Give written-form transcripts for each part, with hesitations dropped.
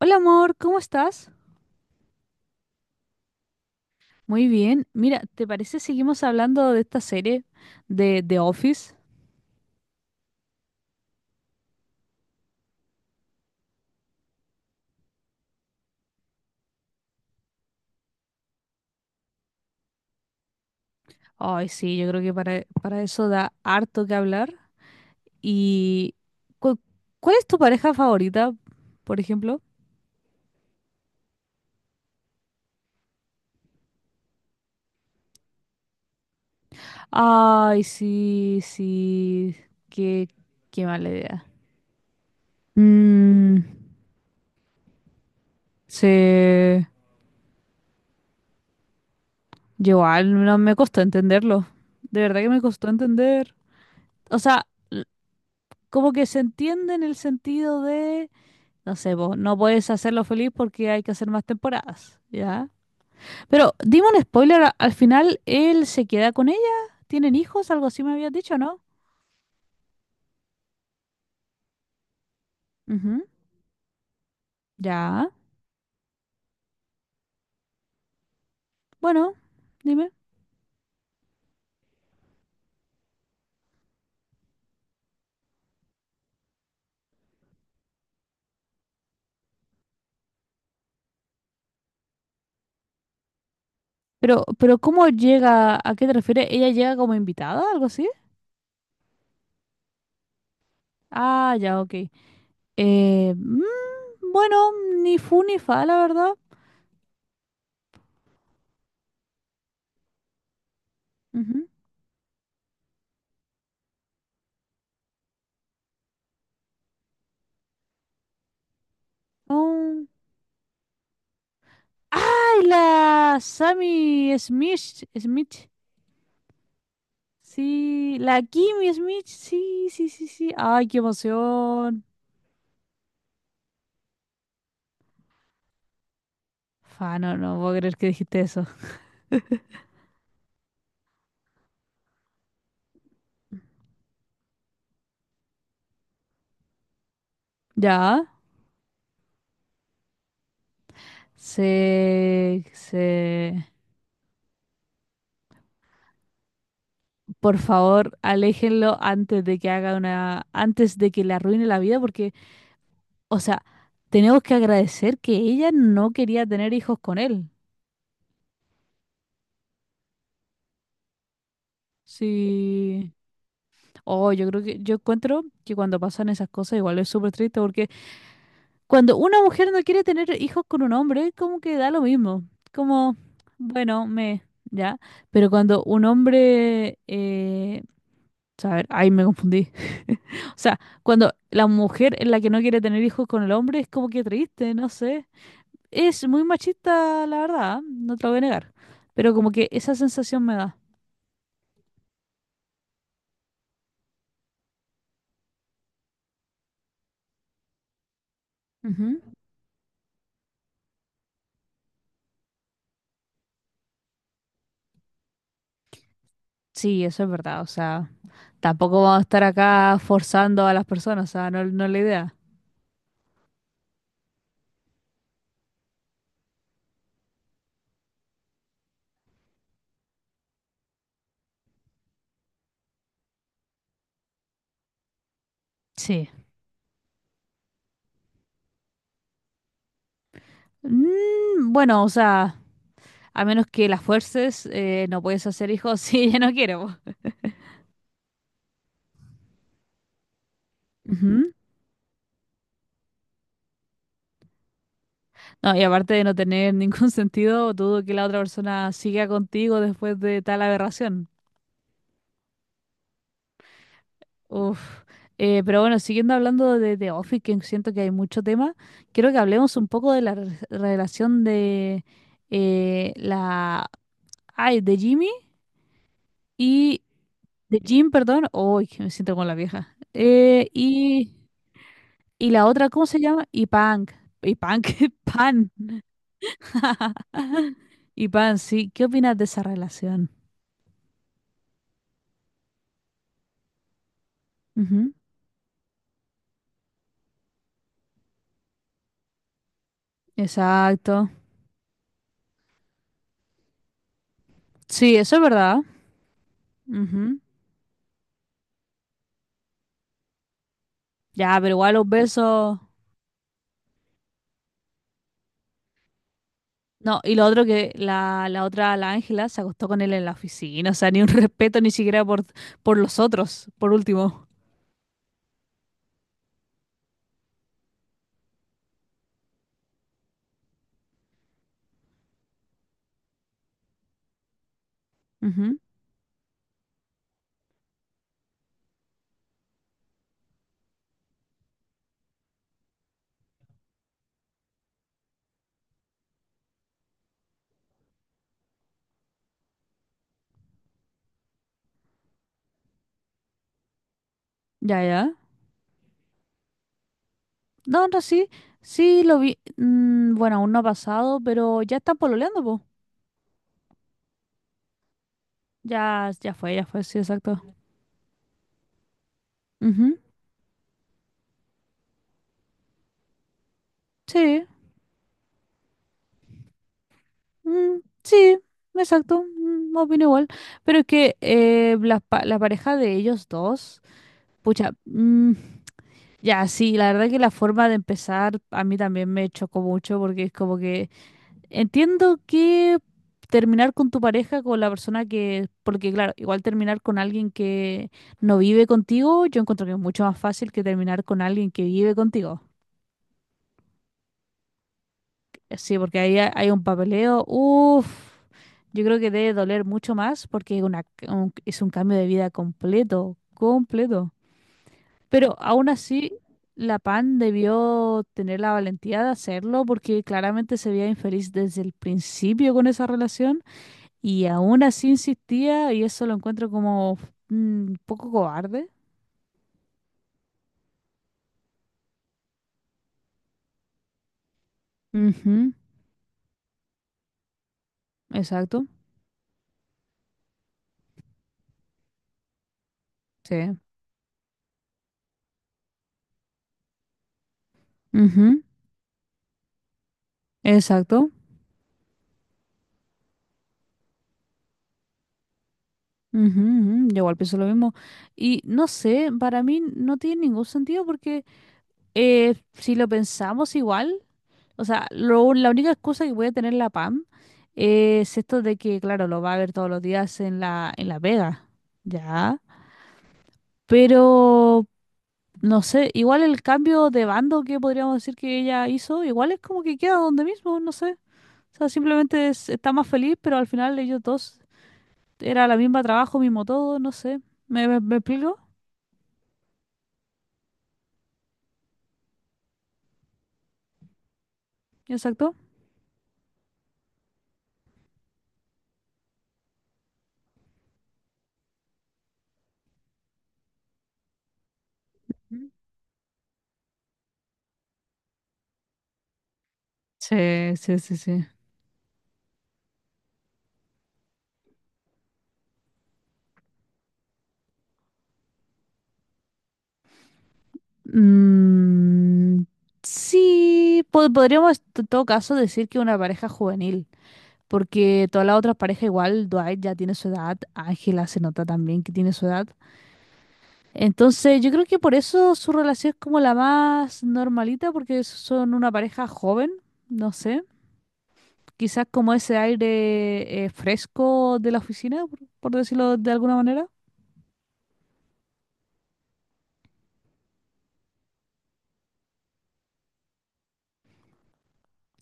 Hola amor, ¿cómo estás? Muy bien. Mira, ¿te parece seguimos hablando de esta serie de The Office? Ay, sí, yo creo que para eso da harto que hablar. ¿Y cu- cuál es tu pareja favorita, por ejemplo? Ay, sí, sí, qué, qué mala idea. Mm, se... Yo igual no me costó entenderlo. De verdad que me costó entender. O sea, como que se entiende en el sentido de... No sé, vos no puedes hacerlo feliz porque hay que hacer más temporadas, ¿ya? Pero dime un spoiler, al final él se queda con ella, tienen hijos, algo así me habías dicho, ¿no? Ujú. Ya, bueno, dime. Pero, ¿cómo llega? ¿A qué te refieres? ¿Ella llega como invitada, algo así? Ah, ya, ok. Eh, mm, bueno, ni fu ni fa, la verdad. Ujú. Oh. ¡Ay, la Sammy Smith! Smith. Sí, la Kimmy Smith, sí, sí, sí, sí. Ay, qué emoción. Fa, no, no puedo creer que dijiste eso. Ya. Se, por favor, aléjenlo antes de que haga una, antes de que le arruine la vida, porque, o sea, tenemos que agradecer que ella no quería tener hijos con él. Sí. Oh, yo creo que, yo encuentro que cuando pasan esas cosas igual es súper triste porque cuando una mujer no quiere tener hijos con un hombre, como que da lo mismo. Como, bueno, me, ya. Pero cuando un hombre, a ver, ahí me confundí. O sea, cuando la mujer es la que no quiere tener hijos con el hombre, es como que triste, no sé. Es muy machista, la verdad, no te lo voy a negar. Pero como que esa sensación me da. Ujú. Sí, eso es verdad. O sea, tampoco vamos a estar acá forzando a las personas. O sea, no, no es la idea. Sí. Mm, bueno, o sea. A menos que las fuerces, no puedes hacer hijos si ella no quiere. Po. Ujú. No, y aparte de no tener ningún sentido, dudo que la otra persona siga contigo después de tal aberración. Uf. Pero bueno, siguiendo hablando de The Office, que siento que hay mucho tema, quiero que hablemos un poco de la relación de eh, la... Ay, de Jimmy y... De Jim, perdón. Uy, que me siento como la vieja. Y la otra, ¿cómo se llama? Y Punk. Y Punk, Pan. Y Pan, sí, ¿qué opinas de esa relación? Ujú. Exacto. Sí, eso es verdad. Ujú. Ya, pero igual los besos. No, y lo otro que la otra, la Ángela, se acostó con él en la oficina. O sea, ni un respeto ni siquiera por los otros, por último. Ujú. Ya, ya. No, no, sí. Sí, lo vi. Mm, bueno, aún no ha pasado, pero ya están pololeando, po. Ya, ya fue, sí, exacto. Ujú. Sí. Mm, sí, exacto, mm, opino igual. Pero es que la, la pareja de ellos dos, pucha, mm, ya, sí, la verdad que la forma de empezar a mí también me chocó mucho porque es como que entiendo que terminar con tu pareja, con la persona que, porque claro, igual terminar con alguien que no vive contigo, yo encuentro que es mucho más fácil que terminar con alguien que vive contigo. Sí, porque ahí hay un papeleo. Uf, yo creo que debe doler mucho más porque es una, es un cambio de vida completo, completo. Pero aún así, la PAN debió tener la valentía de hacerlo porque claramente se veía infeliz desde el principio con esa relación y aún así insistía y eso lo encuentro como mm, un poco cobarde. Ujú, exacto. Sí. Ujú, exacto. Ujú, ujú, yo igual pienso lo mismo. Y no sé, para mí no tiene ningún sentido porque si lo pensamos igual, o sea, la única excusa que puede tener la PAM es esto de que, claro, lo va a ver todos los días en la Vega, ¿ya? Pero, no sé, igual el cambio de bando que podríamos decir que ella hizo, igual es como que queda donde mismo, no sé. O sea, simplemente está más feliz, pero al final ellos dos era la misma trabajo, mismo todo, no sé. ¿Me, me explico? Exacto. Ujú. Sí, sí, sí, sí. Mm, sí, podríamos en todo caso decir que una pareja juvenil, porque todas las otras parejas igual, Dwight ya tiene su edad, Ángela se nota también que tiene su edad. Entonces, yo creo que por eso su relación es como la más normalita, porque son una pareja joven, no sé, quizás como ese aire fresco de la oficina, por decirlo de alguna manera.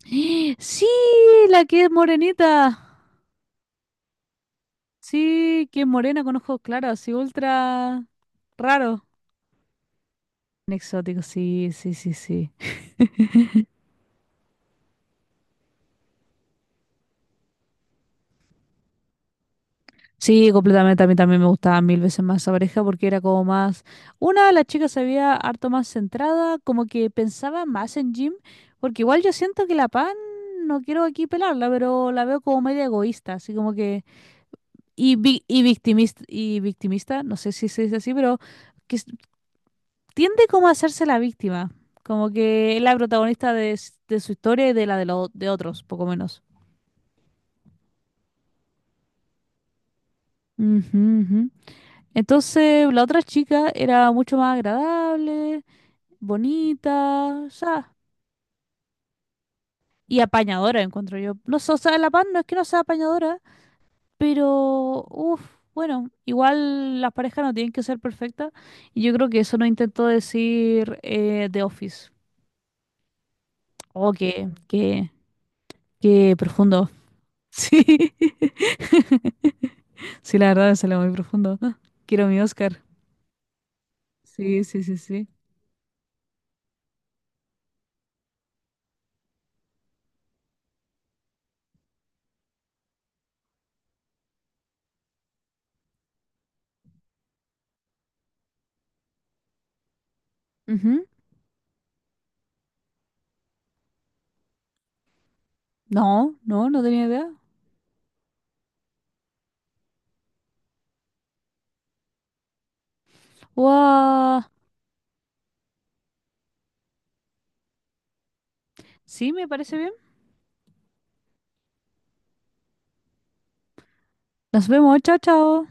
Sí, la que es morenita. Sí, que es morena con ojos claros, así ultra raro. Exótico, sí, sí, sí, sí. Sí, completamente. A mí también me gustaba mil veces más esa pareja porque era como más. Una, la chica se veía harto más centrada, como que pensaba más en Jim, porque igual yo siento que la Pan, no quiero aquí pelarla, pero la veo como media egoísta, así como que. Y, y victimista, no sé si se dice así, pero que tiende como a hacerse la víctima, como que es la protagonista de, de su historia y de la de, los de otros, poco menos. Ujú, ujú. Entonces, la otra chica era mucho más agradable, bonita, o sea, y apañadora, encuentro yo. No sé, o sea, la pan no es que no sea apañadora, pero, uff, bueno, igual las parejas no tienen que ser perfectas, y yo creo que eso no intentó decir The Office. Oh, qué, qué, qué profundo. Sí. Sí, la verdad, salió muy profundo. Ah, quiero mi Oscar. Sí, sí, sí, sí. Ujú. No, no, no tenía idea. Guau. Sí, me parece bien. Nos vemos, chao, chao.